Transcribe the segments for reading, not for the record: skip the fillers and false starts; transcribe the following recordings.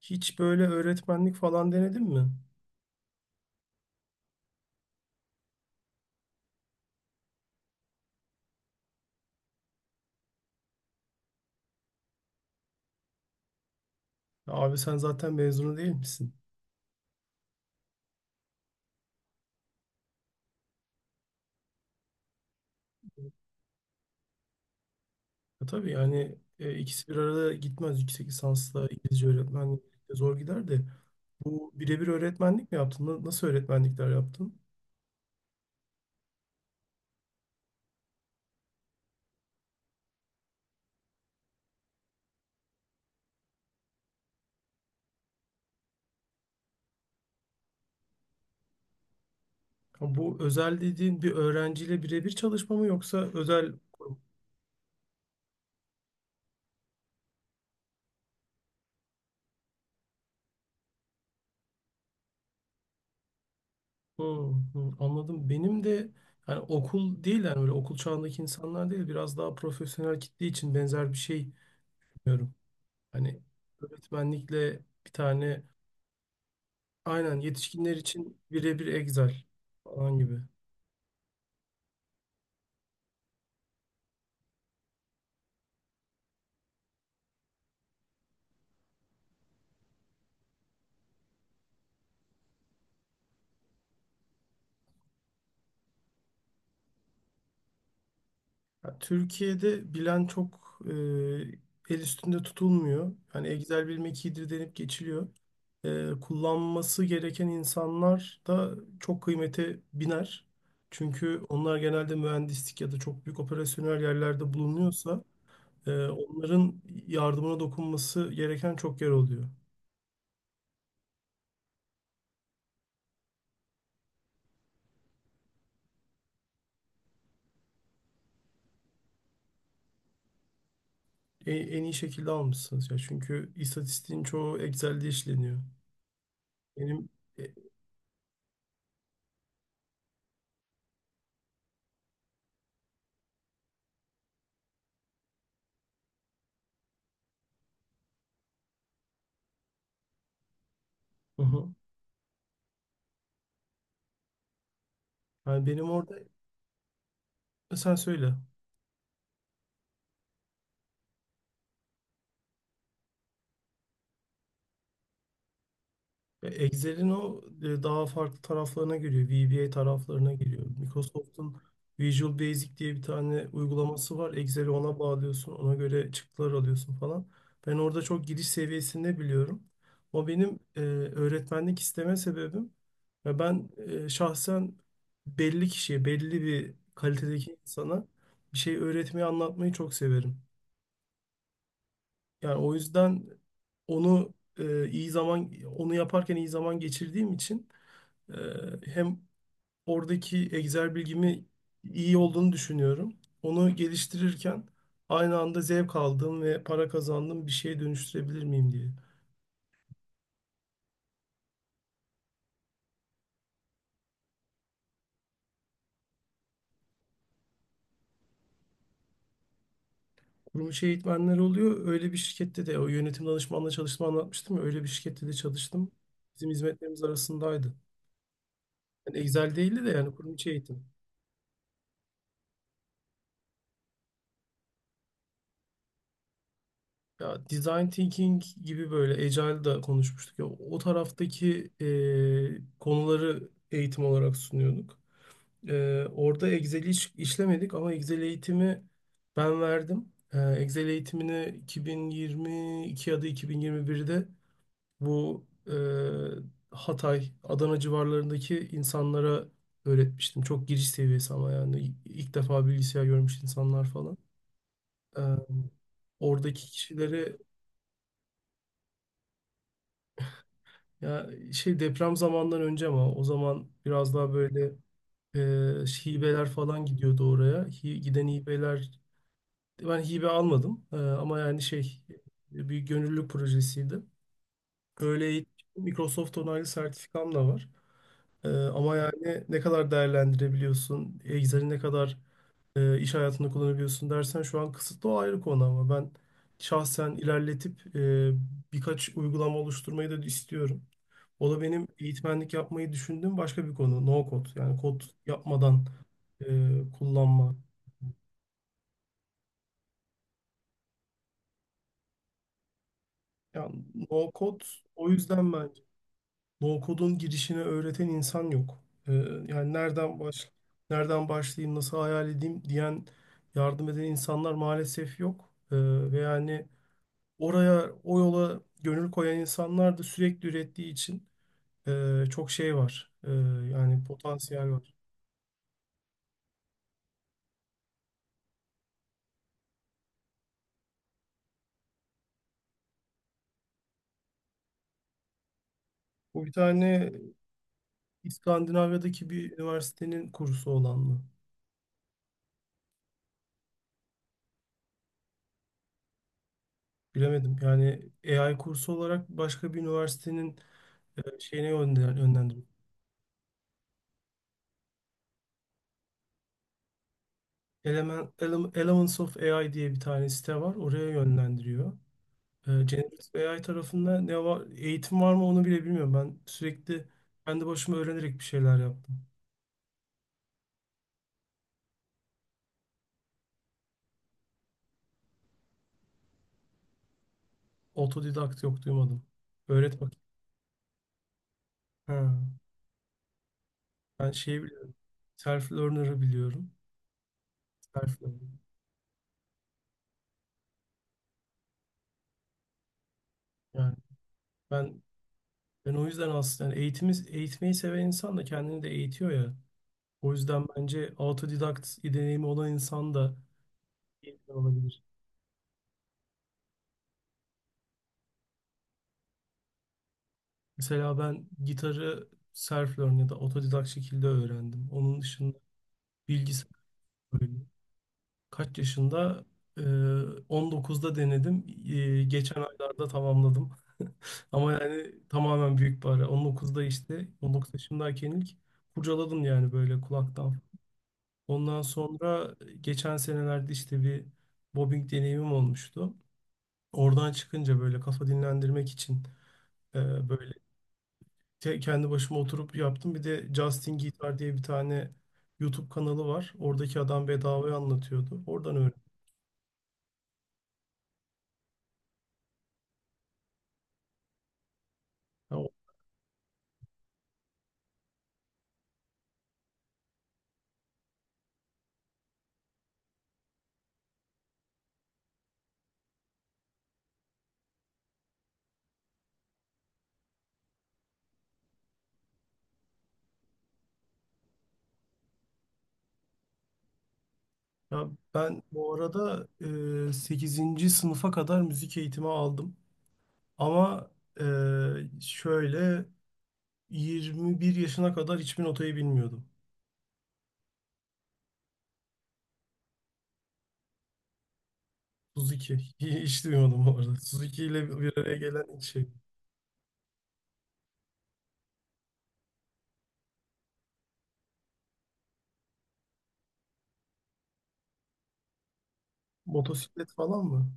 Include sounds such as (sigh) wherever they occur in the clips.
Hiç böyle öğretmenlik falan denedin mi? Abi sen zaten mezunu değil misin? Ya tabii yani ikisi bir arada gitmez. Yüksek lisansla İngilizce öğretmenlik de zor gider de. Bu birebir öğretmenlik mi yaptın? Nasıl öğretmenlikler yaptın? Ha, bu özel dediğin bir öğrenciyle birebir çalışma mı yoksa özel... Hmm, hmm, anladım. Benim de, yani okul değil, yani böyle okul çağındaki insanlar değil, biraz daha profesyonel kitle için benzer bir şey diyorum. Hani öğretmenlikle bir tane, aynen, yetişkinler için birebir Excel falan gibi. Ya Türkiye'de bilen çok el üstünde tutulmuyor. Hani Excel bilmek iyidir denip geçiliyor. Kullanması gereken insanlar da çok kıymete biner. Çünkü onlar genelde mühendislik ya da çok büyük operasyonel yerlerde bulunuyorsa onların yardımına dokunması gereken çok yer oluyor. E- En iyi şekilde almışsınız ya. Çünkü istatistiğin çoğu Excel'de işleniyor. Benim e, hı hı. Yani benim orada, sen söyle. Ve Excel'in o daha farklı taraflarına giriyor. VBA taraflarına giriyor. Microsoft'un Visual Basic diye bir tane uygulaması var. Excel'i ona bağlıyorsun. Ona göre çıktılar alıyorsun falan. Ben orada çok giriş seviyesinde biliyorum. O benim öğretmenlik isteme sebebim. Ve ben şahsen belli kişiye, belli bir kalitedeki insana bir şey öğretmeyi, anlatmayı çok severim. Yani o yüzden onu e, iyi zaman, onu yaparken iyi zaman geçirdiğim için ee, hem oradaki Excel bilgimi iyi olduğunu düşünüyorum. Onu geliştirirken aynı anda zevk aldığım ve para kazandığım bir şeye dönüştürebilir miyim diye. Kurumuş eğitmenler oluyor. Öyle bir şirkette de o yönetim danışmanla çalıştığımı anlatmıştım ya. Öyle bir şirkette de çalıştım. Bizim hizmetlerimiz arasındaydı. Yani Excel değildi de, yani kurum içi eğitim. Ya, design thinking gibi, böyle Agile'da konuşmuştuk ya, o taraftaki konuları eğitim olarak sunuyorduk. Orada Excel'i işlemedik ama Excel eğitimi ben verdim. Excel eğitimini 2022 ya da 2021'de bu Hatay, Adana civarlarındaki insanlara öğretmiştim. Çok giriş seviyesi ama yani ilk defa bilgisayar görmüş insanlar falan. Ee, Oradaki kişileri, ya şey, deprem zamandan önce ama o zaman biraz daha böyle e, hibeler falan gidiyordu oraya. Giden hibeler... Ben hibe almadım. Ama yani şey, bir gönüllülük projesiydi. Öyle Microsoft onaylı sertifikam da var. Ama yani ne kadar değerlendirebiliyorsun, Excel'i ne kadar iş hayatında kullanabiliyorsun dersen şu an kısıtlı, o ayrı konu, ama ben şahsen ilerletip birkaç uygulama oluşturmayı da istiyorum. O da benim eğitmenlik yapmayı düşündüğüm başka bir konu. No code, yani kod yapmadan kullanma. Yani no code, o yüzden ben, No-code'un girişini öğreten insan yok. Yani nereden başlayayım, nasıl hayal edeyim diyen, yardım eden insanlar maalesef yok. Ve yani oraya, o yola gönül koyan insanlar da sürekli ürettiği için çok şey var. Yani potansiyel var. Bu bir tane İskandinavya'daki bir üniversitenin kursu olan mı? Bilemedim. Yani AI kursu olarak başka bir üniversitenin şeyine yönlendirmişler. Elements of AI diye bir tane site var. Oraya yönlendiriyor. Generative AI tarafında ne var, eğitim var mı, onu bile bilmiyorum. Ben sürekli kendi başıma öğrenerek bir şeyler yaptım. Otodidakt, yok, duymadım. Öğret bak. Ha. Ben şeyi biliyorum. Self-learner'ı biliyorum. Self-learner. Yani ben ben o yüzden aslında, yani eğitimi, eğitmeyi seven insan da kendini de eğitiyor ya. O yüzden bence autodidakt deneyimi olan insan da eğitmen olabilir. Mesela ben gitarı self-learn ya da otodidak şekilde öğrendim. Onun dışında bilgisayar böyle. Kaç yaşında? Ee, 19'da denedim. Geçen aylarda tamamladım. (laughs) Ama yani tamamen büyük bir ara. 19'da, işte 19 yaşındayken ilk kurcaladım yani, böyle kulaktan. Ondan sonra geçen senelerde işte bir bobbing deneyimim olmuştu. Oradan çıkınca böyle kafa dinlendirmek için böyle kendi başıma oturup yaptım. Bir de Justin Guitar diye bir tane YouTube kanalı var. Oradaki adam bedavaya anlatıyordu. Oradan öğrendim. Ya, o- Ya ben bu arada 8. sınıfa kadar müzik eğitimi aldım. Ama şöyle 21 yaşına kadar hiçbir notayı bilmiyordum. Suzuki. (laughs) Hiç duymadım bu arada. Suzuki ile bir araya gelen ilk şey. Motosiklet falan mı?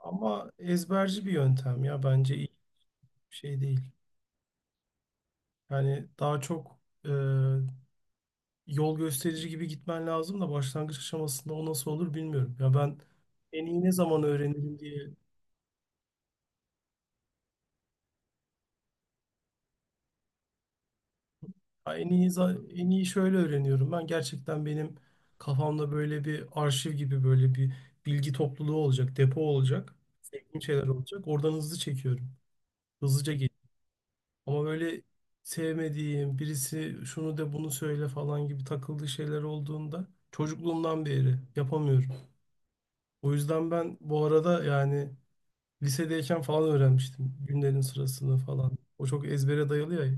Ama ezberci bir yöntem ya, bence iyi bir şey değil. Yani daha çok e, yol gösterici gibi gitmen lazım da başlangıç aşamasında o nasıl olur bilmiyorum. Ya ben en iyi ne zaman öğrenirim diye, ya en iyi şöyle öğreniyorum. Ben gerçekten, benim kafamda böyle bir arşiv gibi, böyle bir bilgi topluluğu olacak, depo olacak, sevdiğim şeyler olacak. Oradan hızlı çekiyorum. Hızlıca geliyor. Ama böyle sevmediğim birisi şunu de, bunu söyle falan gibi takıldığı şeyler olduğunda çocukluğumdan beri yapamıyorum. O yüzden ben bu arada yani lisedeyken falan öğrenmiştim günlerin sırasını falan. O çok ezbere dayalı ya.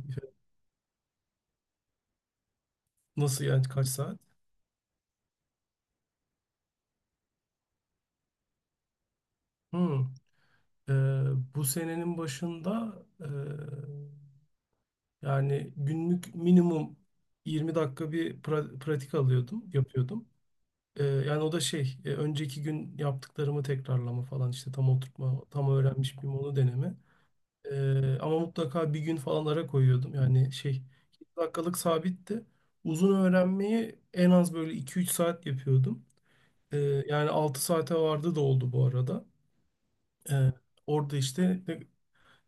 Nasıl yani kaç saat? Hmm. Ee, Bu senenin başında e, yani günlük minimum 20 dakika bir pratik alıyordum, yapıyordum. Yani o da şey, önceki gün yaptıklarımı tekrarlama falan işte, tam oturtma, tam öğrenmiş miyim onu deneme. Ama mutlaka bir gün falan ara koyuyordum. Yani şey, 20 dakikalık sabitti. Uzun öğrenmeyi en az böyle iki üç saat yapıyordum. Ee, Yani 6 saate vardı da oldu bu arada. Ee, Orada işte ne,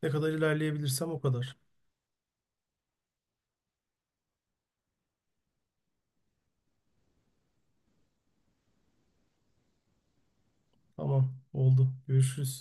ne kadar ilerleyebilirsem o kadar. Tamam, oldu. Görüşürüz.